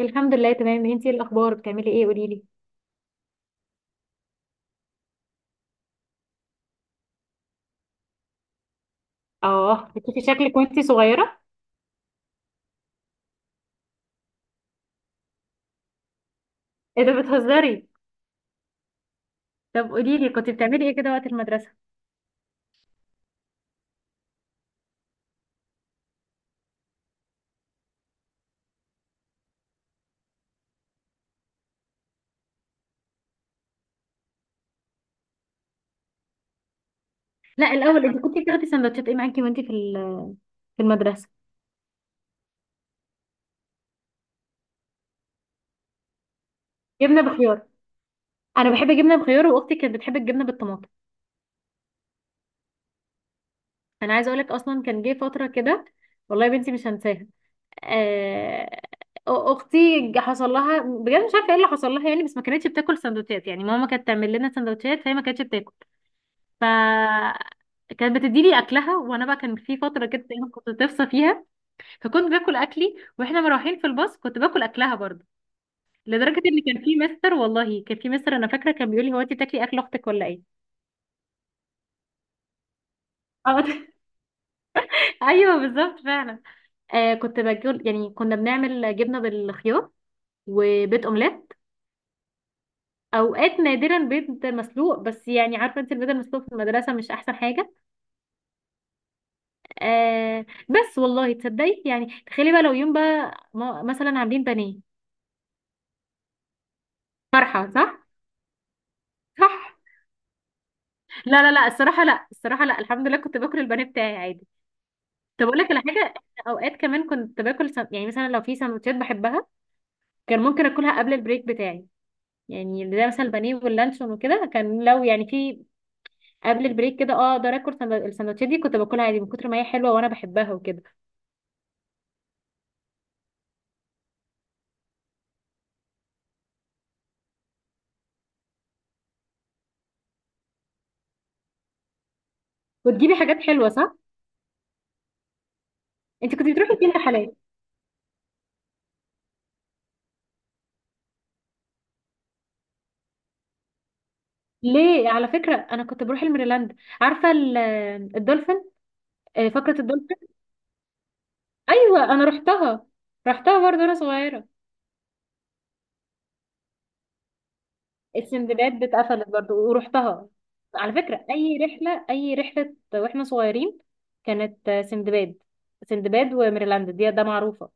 الحمد لله تمام. انتي ايه الاخبار؟ بتعملي ايه؟ قولي لي. اه، كنتي شكلك وانتي صغيره. ايه ده، بتهزري؟ طب قولي لي، كنتي بتعملي ايه كده وقت المدرسه؟ لا، الاول انت كنتي بتاخدي سندوتشات ايه معاكي وانتي في في المدرسه؟ جبنه بخيار. انا بحب الجبنه بخيار، واختي كانت بتحب الجبنه بالطماطم. انا عايزه اقول لك، اصلا كان جه فتره كده. والله يا بنتي مش هنساها. آه، اختي حصل لها بجد مش عارفه ايه اللي حصل لها يعني، بس ما كانتش بتاكل سندوتشات. يعني ماما كانت تعمل لنا سندوتشات فهي ما كانتش بتاكل. ف كانت بتديلي اكلها، وانا بقى كان في فتره كده دايما كنت تفصى فيها. فكنت باكل اكلي واحنا مروحين في الباص، كنت باكل اكلها برضه. لدرجه ان كان في مستر، والله كان في مستر انا فاكره، كان بيقول لي: هو انت بتاكلي اكل اختك ولا ايه؟ اه. ايوه، بالظبط فعلا. كنت باكل. يعني كنا بنعمل جبنه بالخيار وبيض اومليت. اوقات نادرا بيض مسلوق، بس يعني عارفه انت، البيض المسلوق في المدرسه مش احسن حاجه. بس والله تصدقي، يعني تخيلي بقى لو يوم بقى مثلا عاملين بانيه. فرحة، صح؟ صح. لا لا لا، الصراحة لا، الصراحة لا، الحمد لله كنت باكل البانيه بتاعي عادي. طب اقول لك على حاجة، إحنا اوقات كمان كنت باكل يعني مثلا لو في سندوتشات بحبها، كان ممكن اكلها قبل البريك بتاعي. يعني زي مثلا البانيه واللانشون وكده، كان لو يعني في قبل البريك كده اقدر اكل السندوتشات دي، كنت باكلها عادي من كتر ما هي حلوة وانا بحبها وكده. وتجيبي حاجات حلوة، صح؟ انت كنت بتروحي فين رحلات؟ ليه على فكرة انا كنت بروح الميريلاند. عارفة الدولفين. فقرة الدولفين. ايوه، انا رحتها. رحتها برضه وانا صغيرة. السندباد اتقفلت برضو ورحتها. على فكرة أي رحلة أي رحلة وإحنا صغيرين، كانت سندباد. سندباد وميرلاند، دي ده معروفة.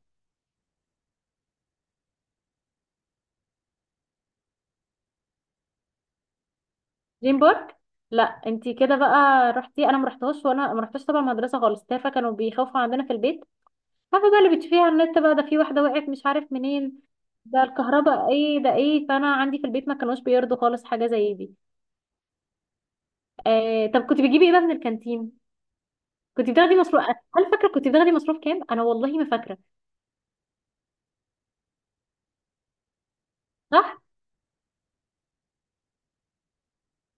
دريم بارك. لا، انتي كده بقى رحتي، انا ما رحتهاش وانا ما رحتش طبعا، مدرسه خالص تافهه، كانوا بيخافوا عندنا في البيت. عارفه بقى اللي بتشوفيه على النت بقى، ده في واحده وقعت مش عارف منين. ده الكهرباء، ايه ده ايه، فانا عندي في البيت ما كانوش بيرضوا خالص حاجه زي دي. طب كنت بتجيبي ايه بقى من الكانتين؟ كنت بتاخدي مصروف؟ هل فاكره كنت بتاخدي مصروف كام؟ انا والله ما فاكره. صح.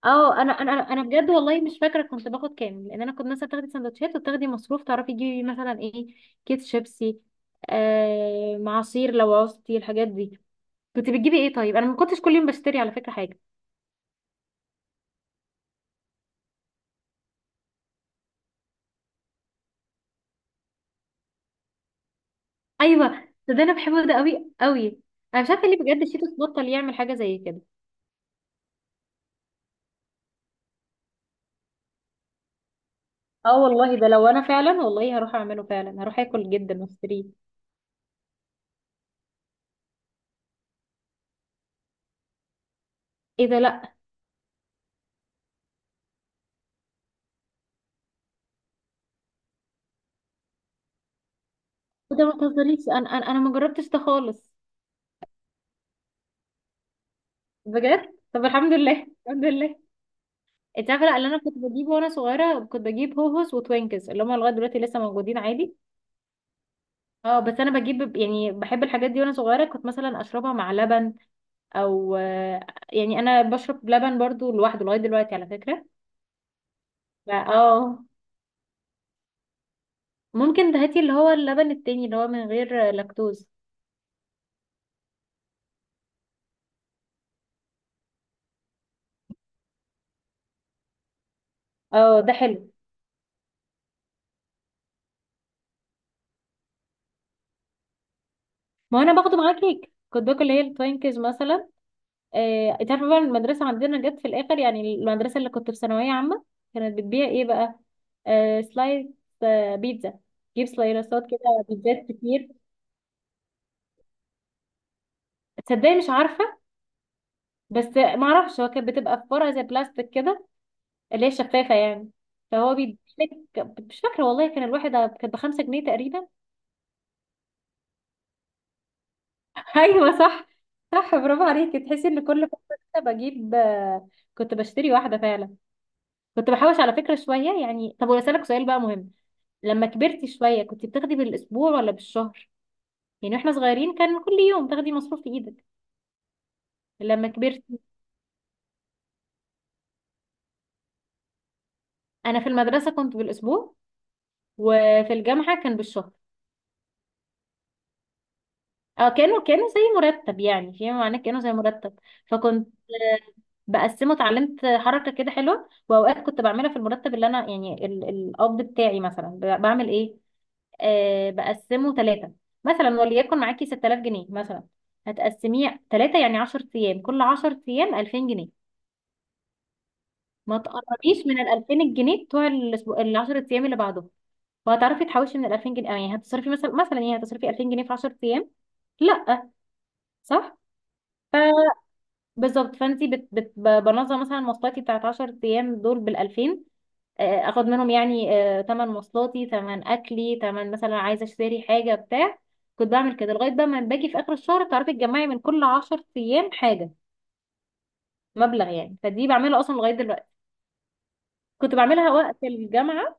اه، انا انا انا أنا بجد والله مش فاكره كنت باخد كام، لان انا كنت مثلا تاخدي سندوتشات وتاخدي مصروف تعرفي تجيبي مثلا ايه. كيس شيبسي. معصير لو عوزتي الحاجات دي. كنت بتجيبي ايه؟ طيب انا ما كنتش كل يوم بشتري على فكره حاجه. ايوه. ده انا بحبه ده قوي قوي. انا مش عارفه ليه بجد شيتوس بطل يعمل حاجه زي كده. اه والله، ده لو انا فعلا والله هروح اعمله، فعلا هروح اكل جدا واشتريه. ايه ده، لا. ده ما تهزريش، انا ما جربتش ده خالص. بجد، طب الحمد لله. الحمد لله. انت عارفه، لا، اللي انا كنت بجيبه وانا صغيره، كنت بجيب هوهوس وتوينكس، اللي هم لغايه دلوقتي لسه موجودين عادي. اه، بس انا بجيب يعني بحب الحاجات دي، وانا صغيره كنت مثلا اشربها مع لبن او يعني انا بشرب لبن برضو لوحده لغايه دلوقتي على فكره. ف- اه ممكن هاتي اللي هو اللبن التاني اللي هو من غير لاكتوز. اه، ده حلو. ما هو انا باخده معاه كيك، كنت باكل اللي هي التوينكس مثلا. انت عارفه بقى، المدرسه عندنا جت في الاخر، يعني المدرسه اللي كنت في ثانويه عامه، كانت بتبيع ايه بقى؟ سلايد. بيتزا. تجيب سلايرسات كده، بيتزات كتير. تصدقي؟ مش عارفه. بس ما اعرفش، هو كانت بتبقى في فرع زي بلاستيك كده، اللي هي شفافه يعني. فهو بيديلك. مش فاكره والله، كان الواحده كانت بخمسة جنيه تقريبا. ايوه صح. صح، برافو عليكي، تحسي ان كل فتره كده بجيب كنت بشتري واحده فعلا. كنت بحوش على فكره شويه يعني. طب واسالك سؤال بقى مهم. لما كبرتي شوية كنت بتاخدي بالأسبوع ولا بالشهر؟ يعني واحنا صغيرين كان كل يوم تاخدي مصروف في ايدك. لما كبرتي. انا في المدرسة كنت بالأسبوع. وفي الجامعة كان بالشهر. اه، كانوا زي مرتب، يعني فيما معناه كانوا زي مرتب. فكنت بقسمه، اتعلمت حركة كده حلوة، واوقات كنت بعملها في المرتب اللي انا يعني القبض بتاعي مثلا بعمل ايه. بقسمه ثلاثة مثلا. وليكن معاكي 6000 جنيه مثلا. هتقسميه ثلاثة، يعني 10 ايام، كل 10 ايام 2000 جنيه. ما تقربيش من ال 2000 جنيه بتوع الاسبوع ال 10 ايام اللي بعده. وهتعرفي تحوشي من ال 2000 جنيه، يعني هتصرفي مثلا، يعني هتصرفي 2000 جنيه في 10 ايام. لا. صح. ف- بالظبط، فانت بنظم مثلا مواصلاتي بتاعت 10 ايام دول بال 2000. اخد منهم يعني. تمن مواصلاتي، تمن اكلي، تمن مثلا عايزه اشتري حاجه بتاع. كنت بعمل كده لغايه بقى ما باجي في اخر الشهر، تعرفي تجمعي من كل 10 ايام حاجه، مبلغ يعني. فدي بعملها اصلا لغايه دلوقتي. كنت بعملها وقت الجامعه.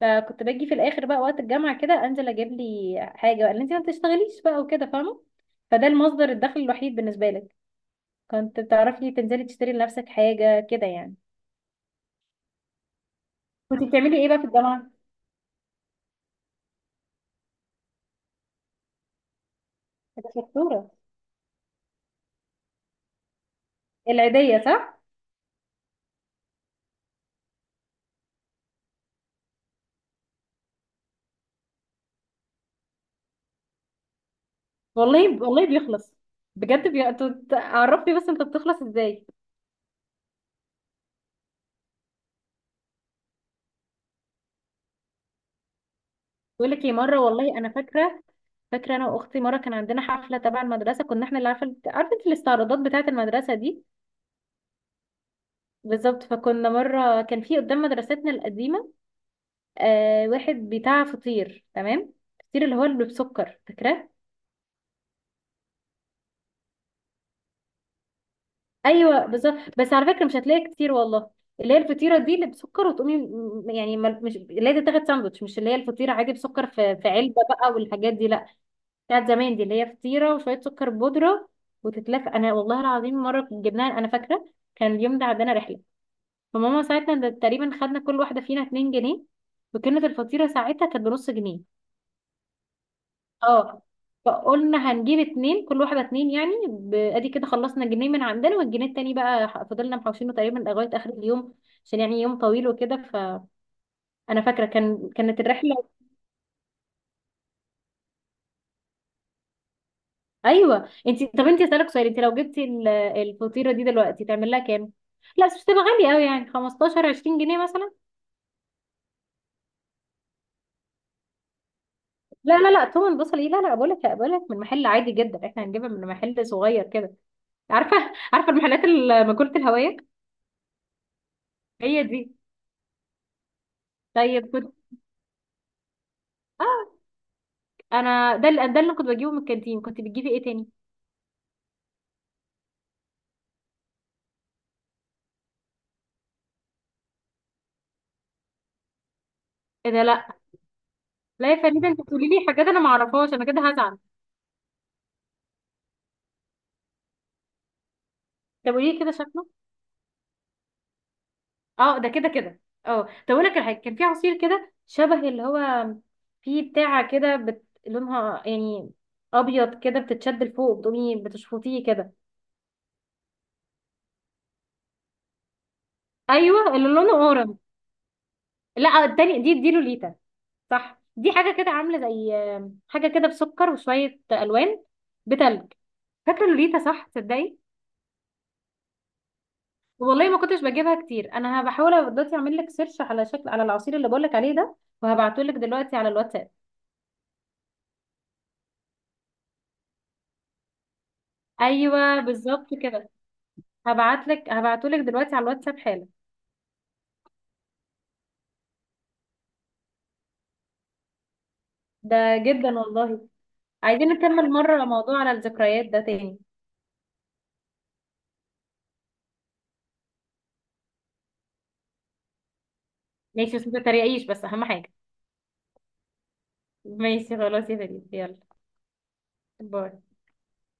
فكنت باجي في الاخر بقى وقت الجامعه كده انزل اجيب لي حاجه بقى، اللي انت ما بتشتغليش بقى وكده، فاهمه؟ فده المصدر الدخل الوحيد بالنسبه لك، كنت بتعرفي تنزلي تشتري لنفسك حاجه كده يعني؟ كنت بتعملي ايه بقى في الجامعه؟ كنت شطوره. العيديه، صح. والله والله بيخلص. بجد، انتوا عرفني بس انت بتخلص ازاي؟ بقول لك ايه، مره والله انا فاكره. فاكره انا واختي مره كان عندنا حفله تبع المدرسه كنا احنا اللي، عارفه انت الاستعراضات بتاعه المدرسه دي؟ بالظبط. فكنا مره كان في قدام مدرستنا القديمه واحد بتاع فطير تمام. الفطير اللي هو اللي بالسكر، فاكراه؟ ايوه بالظبط، بس على فكره مش هتلاقي كتير والله. اللي هي الفطيره دي اللي بسكر وتقومي يعني مش اللي هي تاخد ساندوتش، مش اللي هي الفطيره عادي بسكر في علبه بقى والحاجات دي، لا. بتاعت زمان دي، اللي هي فطيره وشويه سكر بودره وتتلف. انا والله العظيم مره جبناها انا فاكره، كان اليوم ده عندنا رحله. فماما ساعتها ده تقريبا خدنا كل واحده فينا 2 جنيه. وكانت الفطيره ساعتها كانت بنص جنيه. اه، فقلنا هنجيب اتنين، كل واحدة اتنين يعني، ادي كده خلصنا جنيه من عندنا، والجنيه التاني بقى فضلنا محوشينه تقريبا لغاية اخر اليوم، عشان يعني يوم طويل وكده. فانا فاكرة كانت الرحلة. ايوه، انت طب انت اسالك سؤال، انت لو جبتي الفطيرة دي دلوقتي تعمل لها كام؟ لا بس مش تبقى غالية قوي، يعني 15 20 جنيه مثلا. لا لا لا، تومن بصل ايه، لا لا، بقول لك من محل عادي جدا، احنا هنجيبها من محل صغير كده. عارفة عارفة المحلات ماكولة الهوية. هي دي. طيب كنت. اه. انا ده اللي كنت بجيبه من الكانتين. كنت بتجيبي ايه تاني؟ ايه ده، لا. لا يا فريده انت بتقولي لي حاجات انا ما اعرفهاش، انا كده هزعل. طب قولي لي كده شكله. اه ده كده كده. اه طب اقول لك على حاجه، كان في عصير كده شبه اللي هو في بتاعه كده لونها يعني ابيض كده، بتتشد لفوق بتقومي بتشفطيه كده. ايوه، اللي لونه اورنج. لا التاني، دي لوليتا. صح، دي حاجه كده عامله زي حاجه كده بسكر وشويه الوان بتلج. فاكره لوليتا صح؟ تصدقي؟ والله ما كنتش بجيبها كتير، انا بحاول دلوقتي اعمل لك سيرش على شكل على العصير اللي بقول لك عليه ده، وهبعته لك دلوقتي على الواتساب. ايوه، بالظبط كده. هبعته لك دلوقتي على الواتساب حالا. ده جدا والله. عايزين نكمل مره موضوع على الذكريات ده تاني. ماشي، بس ما تتريقيش بس اهم حاجه. ماشي خلاص، يا فريد يلا. باي.